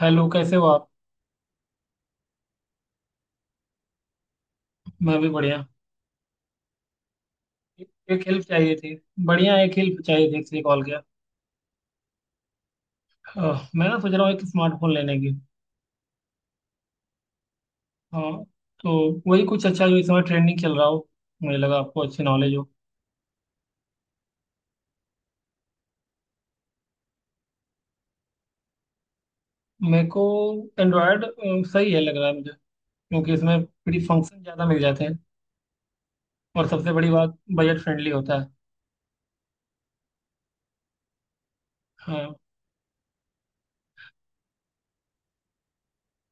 Hello, कैसे हो आप। मैं भी बढ़िया। एक हेल्प चाहिए थी। बढ़िया, एक हेल्प चाहिए थी इसलिए कॉल किया। मैं ना सोच रहा हूँ एक स्मार्टफोन लेने की। हाँ, तो वही कुछ अच्छा जो इस समय ट्रेंडिंग चल रहा हो। मुझे लगा आपको अच्छी नॉलेज हो। मेरे को एंड्रॉयड सही है लग रहा है मुझे, क्योंकि इसमें फ्री फंक्शन ज़्यादा मिल जाते हैं। और सबसे बड़ी बात, बजट फ्रेंडली होता है। हाँ,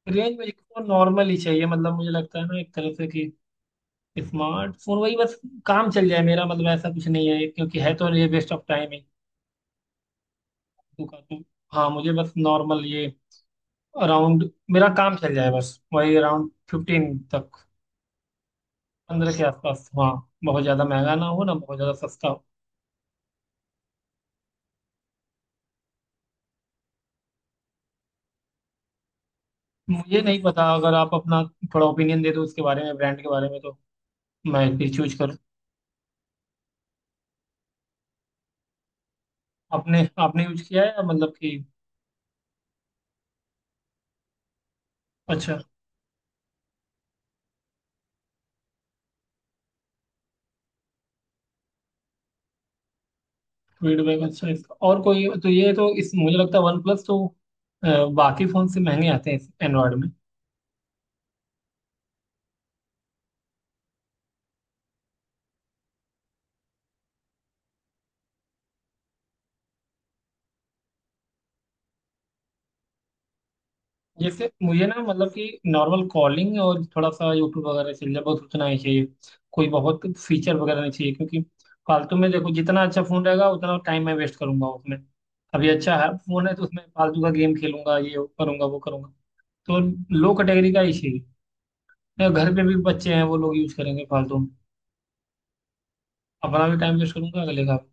रेंज मुझे नॉर्मल ही चाहिए, मतलब मुझे लगता है ना एक तरह से कि स्मार्टफोन वही, बस काम चल जाए मेरा, मतलब ऐसा कुछ नहीं है क्योंकि है तो ये वेस्ट ऑफ टाइम है। दुकान। हाँ, मुझे बस नॉर्मल ये अराउंड, मेरा काम चल जाए, बस वही अराउंड 15 तक। 15 के आसपास, हाँ। बहुत ज़्यादा महंगा ना हो, ना बहुत ज़्यादा सस्ता हो। मुझे नहीं पता, अगर आप अपना थोड़ा ओपिनियन दे दो इसके बारे में, ब्रांड के बारे में, तो मैं फिर चूज करूँ। आपने आपने यूज किया है मतलब कि। अच्छा। फीडबैक अच्छा है इसका और कोई, तो ये तो इस, मुझे लगता है वन प्लस तो अ, बाकी फ़ोन से महंगे आते हैं एंड्रॉयड में। जैसे मुझे ना मतलब कि नॉर्मल कॉलिंग और थोड़ा सा यूट्यूब वगैरह से, बहुत उतना ही चाहिए। कोई बहुत फीचर वगैरह नहीं चाहिए, क्योंकि फालतू में, देखो जितना अच्छा फोन रहेगा उतना टाइम मैं वेस्ट करूंगा उसमें। अभी अच्छा है फोन है तो उसमें फालतू का गेम खेलूंगा, ये करूंगा, वो करूंगा। तो लो कैटेगरी का ही चाहिए, या घर पे भी बच्चे हैं वो लोग यूज करेंगे फालतू में। अपना भी टाइम वेस्ट करूंगा, अगले का भी।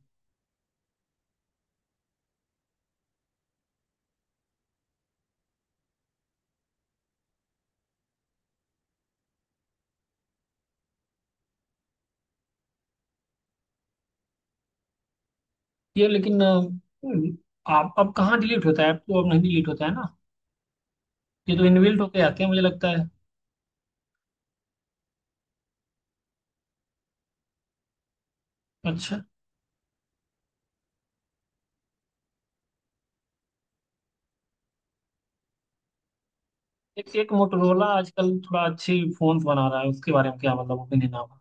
ये लेकिन आप, अब कहाँ डिलीट होता है ऐप, तो अब नहीं डिलीट होता है ना। ये तो इनबिल्ट होके आते हैं मुझे लगता है। अच्छा। एक एक मोटरोला आजकल थोड़ा अच्छी फोन बना रहा है, उसके बारे में क्या मतलब ओपिनियन आपका।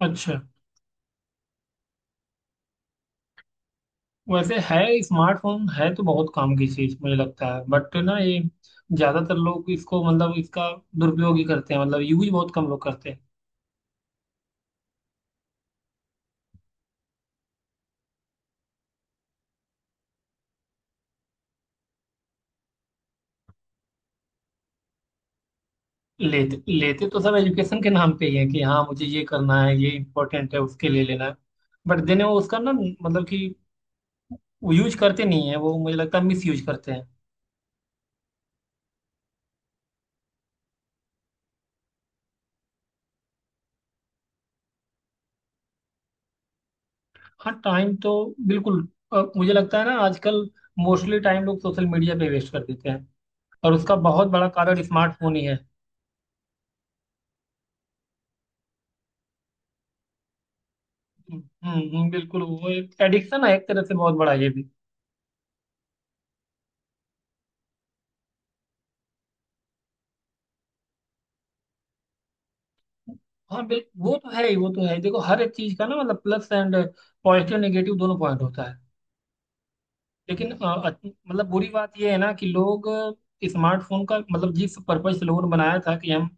अच्छा, वैसे है, स्मार्टफोन है तो बहुत काम की चीज मुझे लगता है, बट ना ये ज्यादातर लोग इसको मतलब इसका दुरुपयोग ही करते हैं, मतलब यूज बहुत कम लोग करते हैं। लेते लेते तो सब एजुकेशन के नाम पे ही है कि हाँ मुझे ये करना है, ये इम्पोर्टेंट है, उसके लिए लेना है। बट देने, वो उसका ना मतलब कि वो यूज करते नहीं है, वो मुझे लगता है मिस यूज करते हैं। हाँ, टाइम तो बिल्कुल। मुझे लगता है ना आजकल मोस्टली टाइम लोग सोशल मीडिया पे वेस्ट कर देते हैं, और उसका बहुत बड़ा कारण स्मार्टफोन ही है। हम्म बिल्कुल वो एक एडिक्शन है एक तरह से, बहुत बड़ा ये भी। हाँ बिल्कुल, वो तो है ही, वो तो है ही। देखो हर एक चीज का ना मतलब प्लस एंड, पॉजिटिव नेगेटिव दोनों पॉइंट होता है। लेकिन मतलब बुरी बात ये है ना कि लोग स्मार्टफोन का मतलब, जिस पर्पज से लोगों ने बनाया था कि हम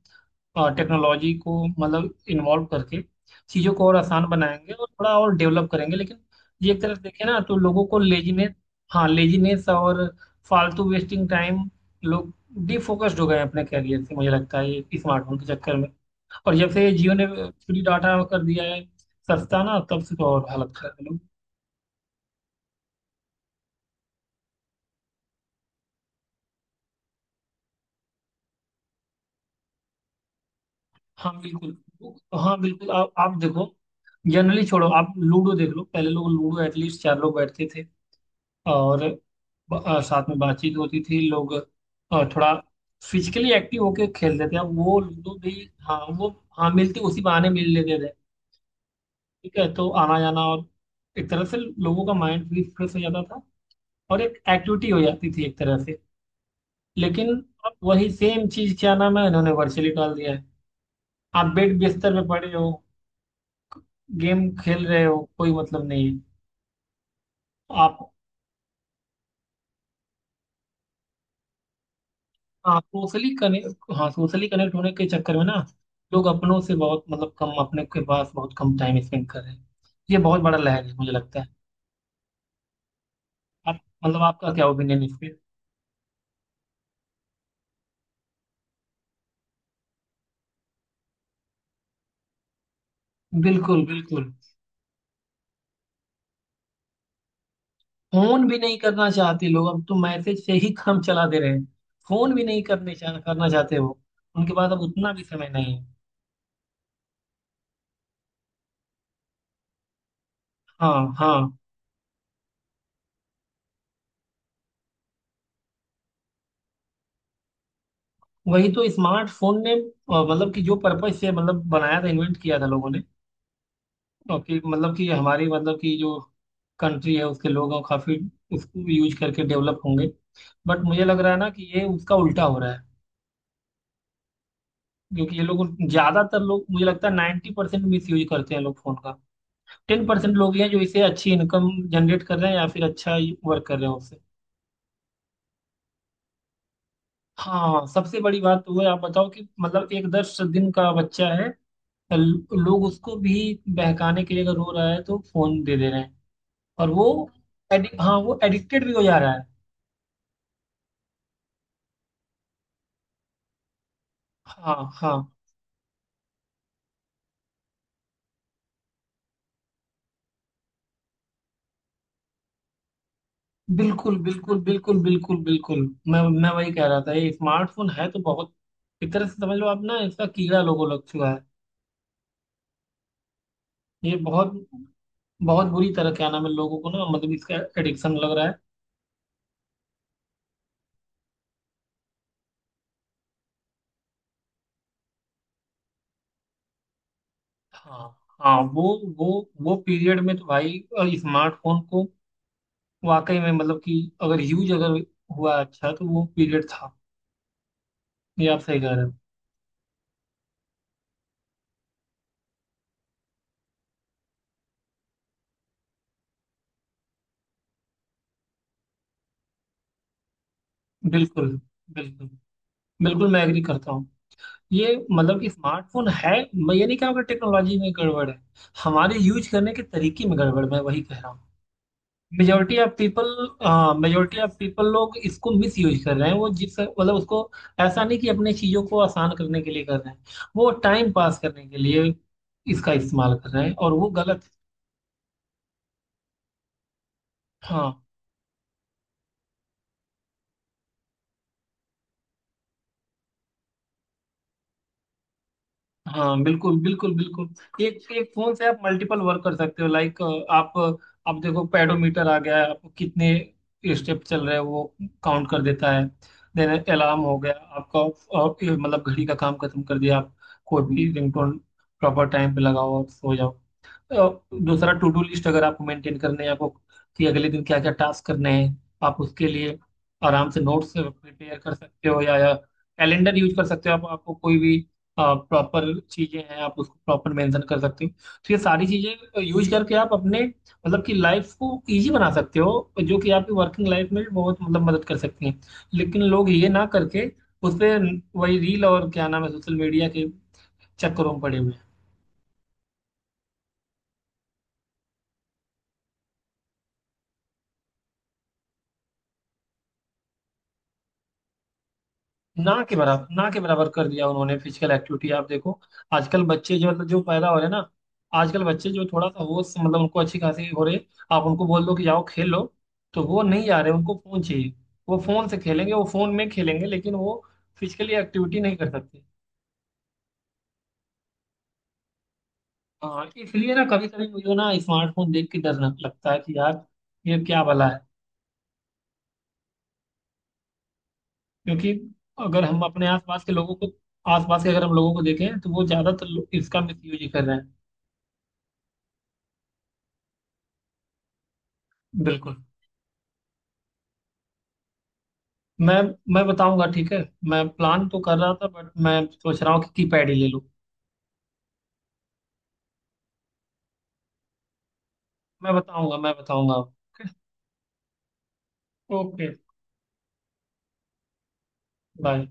टेक्नोलॉजी को मतलब इन्वॉल्व करके चीज़ों को और आसान बनाएंगे और थोड़ा और डेवलप करेंगे, लेकिन ये एक तरह से देखें ना तो लोगों को लेजीनेस। हाँ, लेजीनेस और फालतू वेस्टिंग टाइम, लोग डिफोकस्ड हो गए हैं अपने कैरियर से मुझे लगता है ये स्मार्टफोन के चक्कर में। और जब से जियो ने फ्री डाटा कर दिया है, सस्ता ना, तब से तो और हालत खराब है लोग। हाँ बिल्कुल, हाँ बिल्कुल, आप देखो, जनरली छोड़ो, आप लूडो देख लो, पहले लोग लूडो एटलीस्ट चार लोग बैठते थे, और साथ में बातचीत होती थी लोग, थोड़ा फिजिकली एक्टिव होके खेलते थे, अब वो लूडो भी। हाँ, वो, हाँ मिलती, उसी बहाने मिल लेते थे। ठीक है, तो आना जाना और एक तरह से लोगों का माइंड भी फ्रेश हो जाता था, और एक एक्टिविटी हो जाती थी एक तरह से। लेकिन अब वही सेम चीज, क्या नाम है, इन्होंने वर्चुअली डाल दिया है। आप बेड बिस्तर पे पड़े हो, गेम खेल रहे हो, कोई मतलब नहीं है। आप, हाँ, सोशली कनेक्ट, हाँ, सोशली कनेक्ट होने के चक्कर में ना, लोग अपनों से बहुत मतलब कम, अपने के पास बहुत कम टाइम स्पेंड कर रहे हैं। ये बहुत बड़ा लहर है मुझे लगता है। आप, मतलब आपका क्या ओपिनियन इस पे। बिल्कुल बिल्कुल। फोन भी नहीं करना चाहते लोग अब तो, मैसेज से ही काम चला दे रहे हैं। फोन भी नहीं करने करना चाहते वो। उनके पास अब उतना भी समय नहीं है। हाँ हाँ, वही तो। स्मार्टफोन ने मतलब कि जो पर्पज से मतलब बनाया था, इन्वेंट किया था लोगों ने, और कि मतलब कि हमारी मतलब कि जो कंट्री है, उसके लोग हैं, काफी उसको यूज करके डेवलप होंगे, बट मुझे लग रहा है ना कि ये उसका उल्टा हो रहा है। क्योंकि ये लोग, ज्यादातर लोग मुझे लगता है 90% मिस यूज करते हैं, लोग फोन का। 10% लोग ही हैं जो इसे अच्छी इनकम जनरेट कर रहे हैं, या फिर अच्छा वर्क कर रहे हैं उससे। हाँ, सबसे बड़ी बात तो है, आप बताओ कि मतलब एक 10 दिन का बच्चा है, लोग उसको भी बहकाने के लिए, अगर रो रहा है तो फोन दे दे रहे हैं, और वो एडिक हाँ, वो एडिक्टेड भी हो जा रहा है। हाँ हाँ बिल्कुल बिल्कुल बिल्कुल बिल्कुल बिल्कुल। मैं वही कह रहा था, ये स्मार्टफोन है तो बहुत एक तरह से समझ लो, आप ना इसका कीड़ा लोगों लग चुका है। ये बहुत बहुत बुरी तरह, क्या नाम है, लोगों को ना मतलब इसका एडिक्शन लग रहा है। हाँ हाँ, वो पीरियड में तो भाई स्मार्टफोन को वाकई में मतलब कि, अगर यूज अगर हुआ अच्छा तो वो पीरियड था। ये आप सही कह रहे हो। बिल्कुल, बिल्कुल, बिल्कुल मैं एग्री करता हूँ। ये मतलब स्मार्टफोन है, मैं ये नहीं कह रहा हूँ कि टेक्नोलॉजी में गड़बड़ है, हमारे यूज करने के तरीके में गड़बड़, मैं वही कह रहा हूँ। Majority of people, majority of people, लोग इसको मिस यूज कर रहे हैं, वो जिस मतलब उसको, ऐसा नहीं कि अपने चीजों को आसान करने के लिए कर रहे हैं, वो टाइम पास करने के लिए इसका इस्तेमाल कर रहे हैं, और वो गलत है। हाँ, हाँ बिल्कुल बिल्कुल बिल्कुल। एक एक फोन से आप मल्टीपल वर्क कर सकते हो, लाइक आप आप देखो पेडोमीटर आ गया है, आपको कितने स्टेप चल रहे हैं वो काउंट कर देता है। देन अलार्म हो गया आपका, मतलब घड़ी का काम खत्म कर दिया आप। कोई भी रिंगटोन प्रॉपर टाइम पे लगाओ और सो जाओ। अ, दूसरा, टू डू लिस्ट अगर आपको मेंटेन करने हैं, आपको कि अगले दिन क्या क्या टास्क करने हैं, आप उसके लिए आराम से नोट्स प्रिपेयर कर सकते हो, या कैलेंडर यूज कर सकते हो आप, आपको कोई भी प्रॉपर चीजें हैं आप उसको प्रॉपर मेंशन कर सकते हो, तो ये सारी चीजें यूज करके आप अपने मतलब कि लाइफ को इजी बना सकते हो, जो कि आपकी वर्किंग लाइफ में बहुत मतलब मदद कर सकती हैं। लेकिन लोग ये ना करके उस पे वही रील और क्या नाम है सोशल मीडिया के चक्करों में पड़े हुए हैं। ना के बराबर, ना के बराबर कर दिया उन्होंने फिजिकल एक्टिविटी। आप देखो आजकल बच्चे जो, मतलब जो पैदा हो रहे हैं ना, आजकल बच्चे जो थोड़ा सा होश मतलब उनको अच्छी खासी हो रही है, आप उनको बोल दो कि जाओ खेल लो तो वो नहीं जा रहे, उनको फोन चाहिए। वो फोन से खेलेंगे, वो फोन में खेलेंगे, लेकिन वो फिजिकली एक्टिविटी नहीं कर सकते। हाँ, इसलिए ना कभी कभी मुझे ना स्मार्टफोन देख के डर लगता है कि यार ये क्या भला है, क्योंकि अगर हम अपने आसपास के लोगों को, आसपास के अगर हम लोगों को देखें, तो वो ज्यादातर लोग इसका मिसयूज ही कर रहे हैं। बिल्कुल। मैं मैं बताऊंगा, ठीक है। मैं प्लान तो कर रहा था बट मैं सोच रहा हूँ कि कीपैड ही ले लूँ। मैं बताऊंगा, मैं बताऊंगा। ओके। बाय।